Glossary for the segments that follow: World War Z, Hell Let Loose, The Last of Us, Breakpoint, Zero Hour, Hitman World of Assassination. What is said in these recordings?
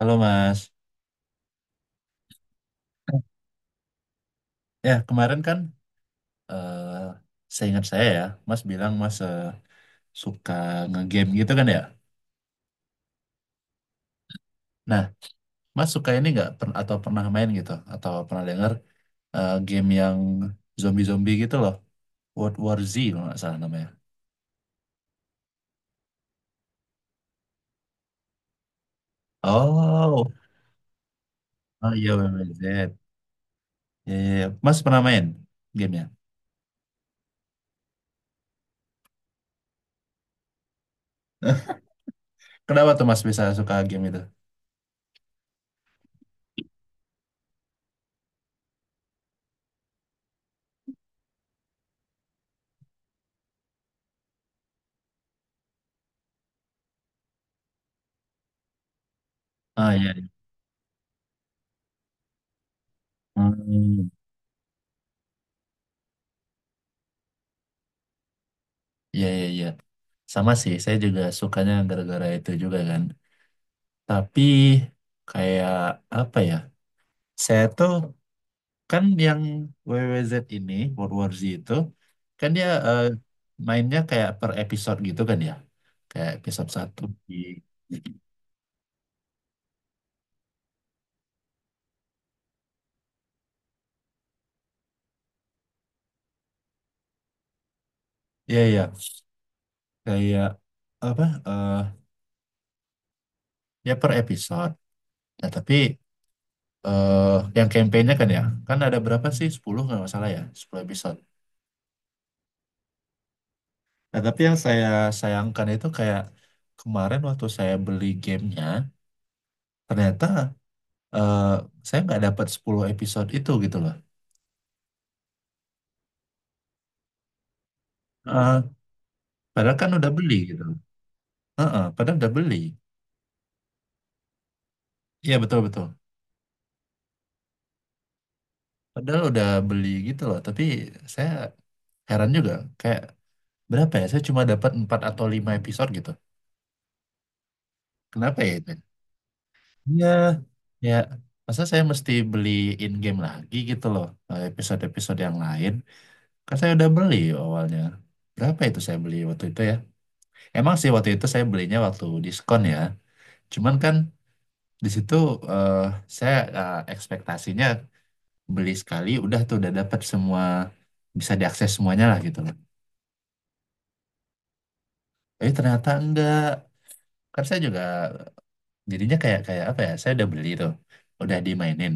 Halo Mas, ya kemarin kan eh seingat saya ya, Mas bilang Mas suka ngegame gitu kan ya. Nah, Mas suka ini nggak atau pernah main gitu atau pernah dengar game yang zombie-zombie gitu loh, World War Z kalau nggak salah namanya. Oh, oh iya WWZ. Ya, ya, ya. Mas pernah main gamenya? Kenapa tuh Mas bisa suka game itu? Ah, iya. Iya. Hmm. Iya, iya, iya. Sama sih, saya juga sukanya gara-gara itu juga kan. Tapi kayak apa ya? Saya tuh kan yang W W Z ini, World War Z itu, kan dia mainnya kayak per episode gitu kan ya. Kayak episode satu di. Iya, iya. Kayak apa? Ya per episode. Nah, tapi eh yang campaign-nya kan ya, kan ada berapa sih? 10 nggak masalah ya, 10 episode. Nah, tapi yang saya sayangkan itu kayak kemarin waktu saya beli gamenya, ternyata, eh, saya nggak dapat 10 episode itu gitu loh. Eh, Padahal kan udah beli gitu loh. Heeh, padahal udah beli. Iya, betul-betul. Padahal udah beli gitu loh. Tapi saya heran juga. Kayak berapa ya? Saya cuma dapat 4 atau 5 episode gitu. Kenapa ya itu? Iya. Ya, masa saya mesti beli in-game lagi gitu loh. Episode-episode yang lain. Kan saya udah beli awalnya. Berapa itu saya beli waktu itu ya? Emang sih waktu itu saya belinya waktu diskon ya. Cuman kan di situ, eh, saya ekspektasinya beli sekali udah tuh udah dapat semua, bisa diakses semuanya lah gitu loh. Tapi ternyata enggak. Kan saya juga jadinya kayak kayak apa ya? Saya udah beli tuh, udah dimainin.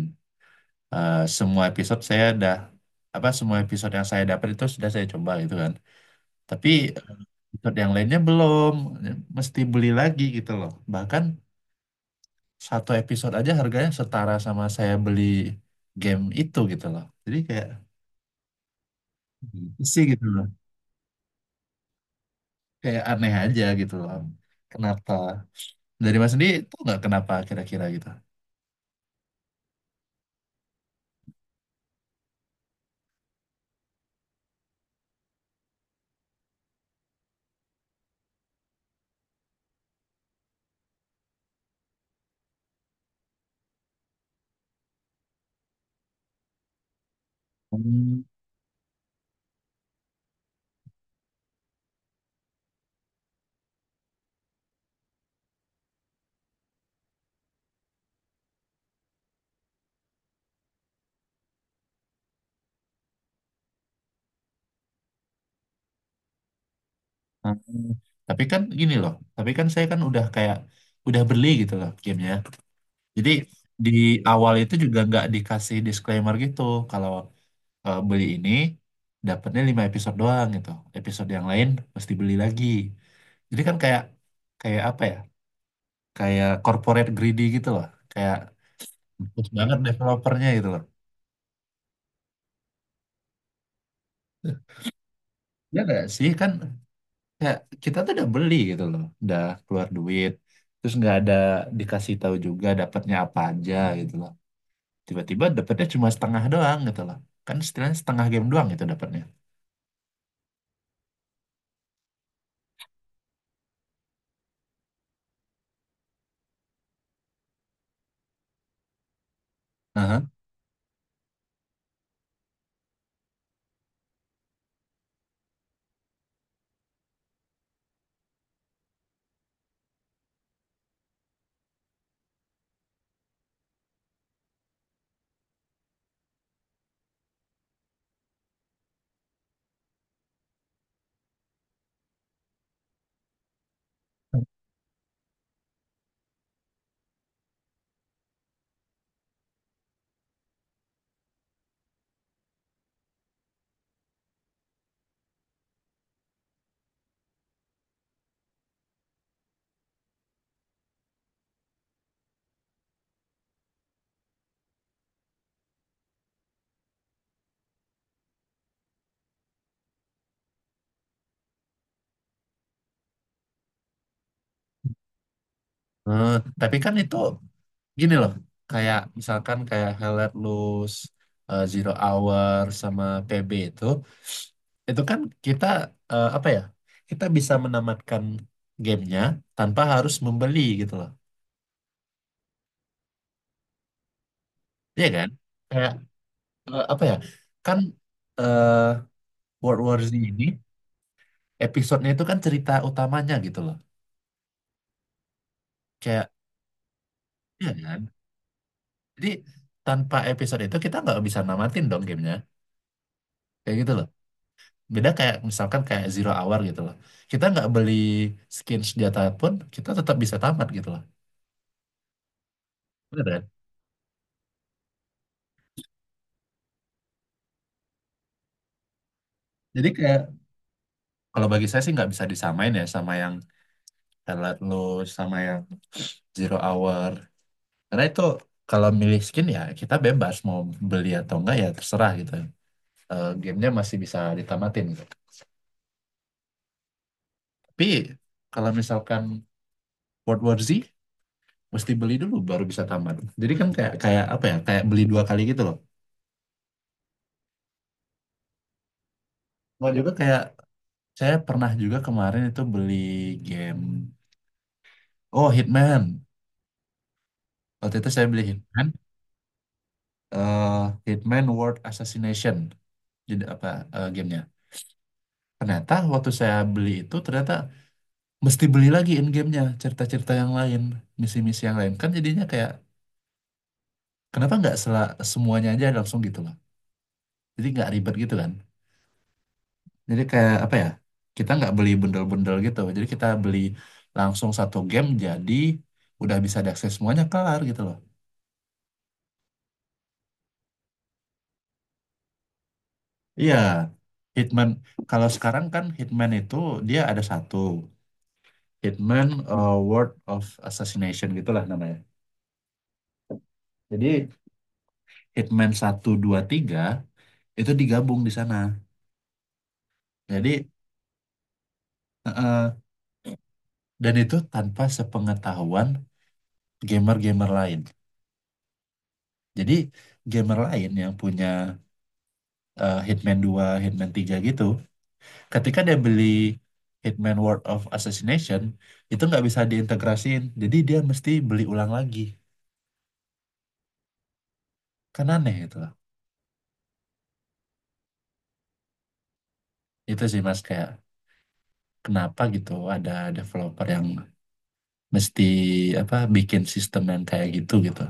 Semua episode saya udah apa, semua episode yang saya dapat itu sudah saya coba gitu kan. Tapi episode yang lainnya belum, ya, mesti beli lagi gitu loh. Bahkan satu episode aja harganya setara sama saya beli game itu gitu loh. Jadi kayak gitu sih gitu loh. Kayak aneh aja gitu loh. Kenapa? Dari Mas sendiri itu nggak kenapa kira-kira gitu? Hmm. Nah, tapi kan gini loh, tapi kan saya kan udah kayak udah beli gitu loh gamenya. Jadi di awal itu juga nggak dikasih disclaimer gitu kalau beli ini dapatnya 5 episode doang gitu. Episode yang lain mesti beli lagi. Jadi kan kayak kayak apa ya? Kayak corporate greedy gitu loh. Kayak bagus banget developernya gitu loh. Ya nggak sih, kan kayak kita tuh udah beli gitu loh, udah keluar duit, terus nggak ada dikasih tahu juga dapatnya apa aja gitu loh. Tiba-tiba dapatnya cuma setengah doang gitu loh, kan setidaknya setengah game doang gitu dapatnya. Aha. Eh, tapi kan itu gini loh, kayak misalkan kayak Hell Let Loose, Zero Hour sama PB itu, kan kita, apa ya, kita bisa menamatkan gamenya tanpa harus membeli gitu loh. Iya kan, kayak apa ya, kan eh World War Z ini episodenya itu kan cerita utamanya gitu loh. Kayak, ya kan, jadi tanpa episode itu kita nggak bisa namatin dong gamenya, kayak gitu loh. Beda kayak misalkan kayak Zero Hour gitu loh, kita nggak beli skin senjata pun kita tetap bisa tamat gitu loh, bener kan. Jadi kayak kalau bagi saya sih nggak bisa disamain ya sama yang Twilight Lost sama yang Zero Hour karena itu kalau milih skin ya kita bebas mau beli atau enggak ya terserah gitu. Eh, gamenya masih bisa ditamatin gitu. Tapi kalau misalkan World War Z mesti beli dulu baru bisa tamat. Jadi kan kayak kayak apa ya? Kayak beli dua kali gitu loh. Mau juga kayak saya pernah juga kemarin itu beli game, oh Hitman. Waktu itu saya beli Hitman, eh, Hitman World Assassination. Jadi apa, gamenya? Ternyata waktu saya beli itu ternyata mesti beli lagi in gamenya, cerita-cerita yang lain, misi-misi yang lain. Kan jadinya kayak kenapa nggak semuanya aja langsung gitu loh? Jadi nggak ribet gitu kan. Jadi kayak apa ya? Kita nggak beli bundel-bundel gitu. Jadi kita beli langsung satu game jadi udah bisa diakses semuanya kelar gitu loh. Iya. Hitman kalau sekarang kan Hitman itu dia ada satu Hitman World of Assassination gitulah namanya. Jadi Hitman 1, 2, 3 itu digabung di sana. Jadi eh, eh, dan itu tanpa sepengetahuan gamer-gamer lain. Jadi gamer lain yang punya Hitman 2, Hitman 3 gitu. Ketika dia beli Hitman World of Assassination, itu nggak bisa diintegrasiin. Jadi dia mesti beli ulang lagi. Kan aneh itu. Itu sih Mas, kayak kenapa gitu ada developer yang mesti apa bikin sistem yang kayak gitu gitu.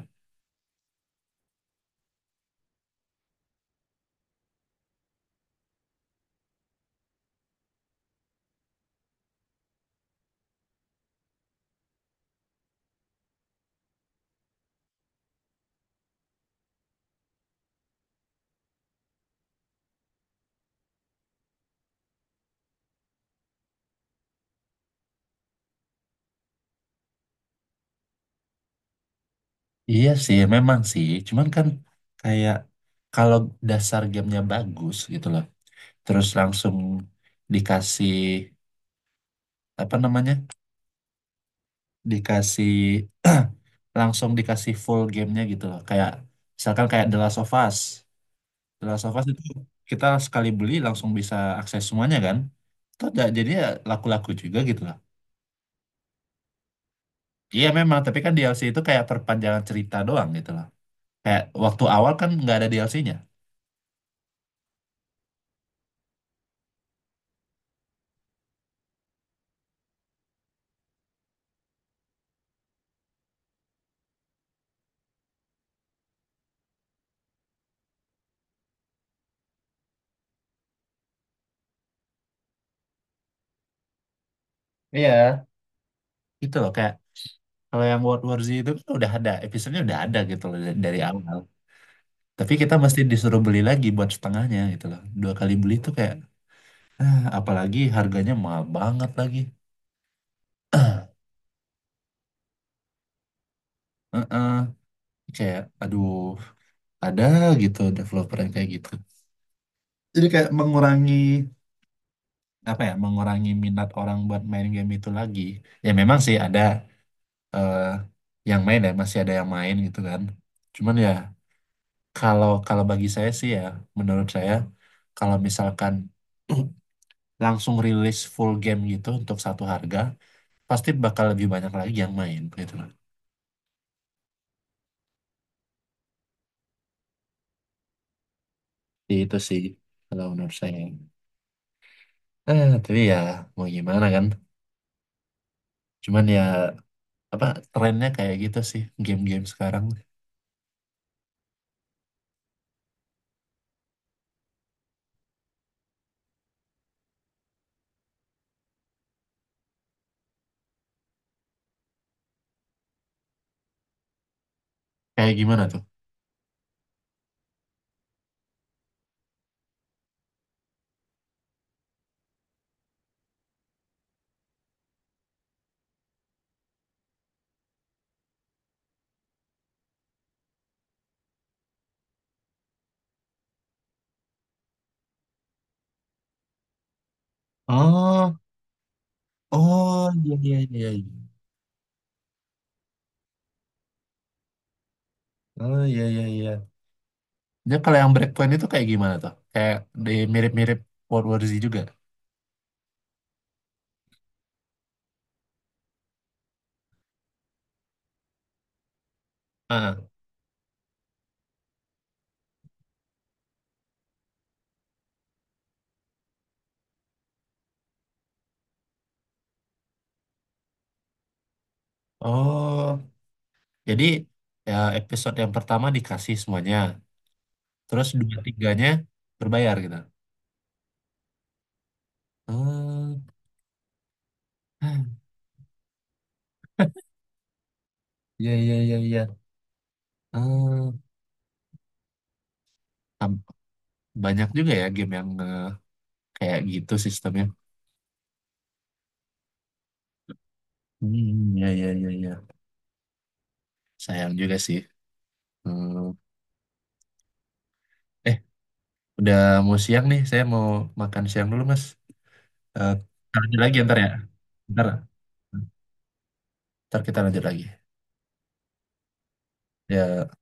Iya sih, memang sih. Cuman kan kayak kalau dasar gamenya bagus gitu loh. Terus langsung dikasih apa namanya, dikasih langsung dikasih full gamenya gitu loh. Kayak misalkan kayak The Last of Us. The Last of Us itu kita sekali beli langsung bisa akses semuanya kan. Itu jadi ya laku-laku juga gitu loh. Iya memang, tapi kan DLC itu kayak perpanjangan cerita doang gitu loh. Kayak waktu awal kan nggak ada DLC-nya. Iya. Gitu loh, kayak kalau yang World War Z itu kan udah ada, episodenya udah ada gitu loh dari awal. Tapi kita mesti disuruh beli lagi buat setengahnya gitu loh. Dua kali beli itu kayak. Nah, apalagi harganya mahal banget lagi. Heeh, kayak, aduh, ada gitu developer yang kayak gitu. Jadi kayak mengurangi apa ya, mengurangi minat orang buat main game itu lagi. Ya memang sih ada eh, yang main ya, masih ada yang main gitu kan. Cuman ya kalau kalau bagi saya sih ya, menurut saya kalau misalkan langsung rilis full game gitu untuk satu harga, pasti bakal lebih banyak lagi yang main gitu loh. Jadi itu sih kalau menurut saya. Tapi ya mau gimana kan? Cuman ya apa, trennya kayak gitu sih game-game sekarang. Kayak gimana tuh? Oh, oh iya, iya, iya. Iya. Oh, iya, iya, iya. Dia kalau yang Breakpoint itu kayak gimana tuh? Kayak di mirip-mirip World War Z juga. Ah. Oh, jadi ya episode yang pertama dikasih semuanya. Terus dua tiganya berbayar gitu. Oh, iya, iya, iya, iya. Oh, tam- banyak juga ya game yang kayak gitu sistemnya. Hmm, ya, ya, ya, ya. Sayang juga sih. Hmm. Eh, udah mau siang nih. Saya mau makan siang dulu, Mas. Eh, Lanjut lagi ntar ya. Ntar, ntar kita lanjut lagi. Ya.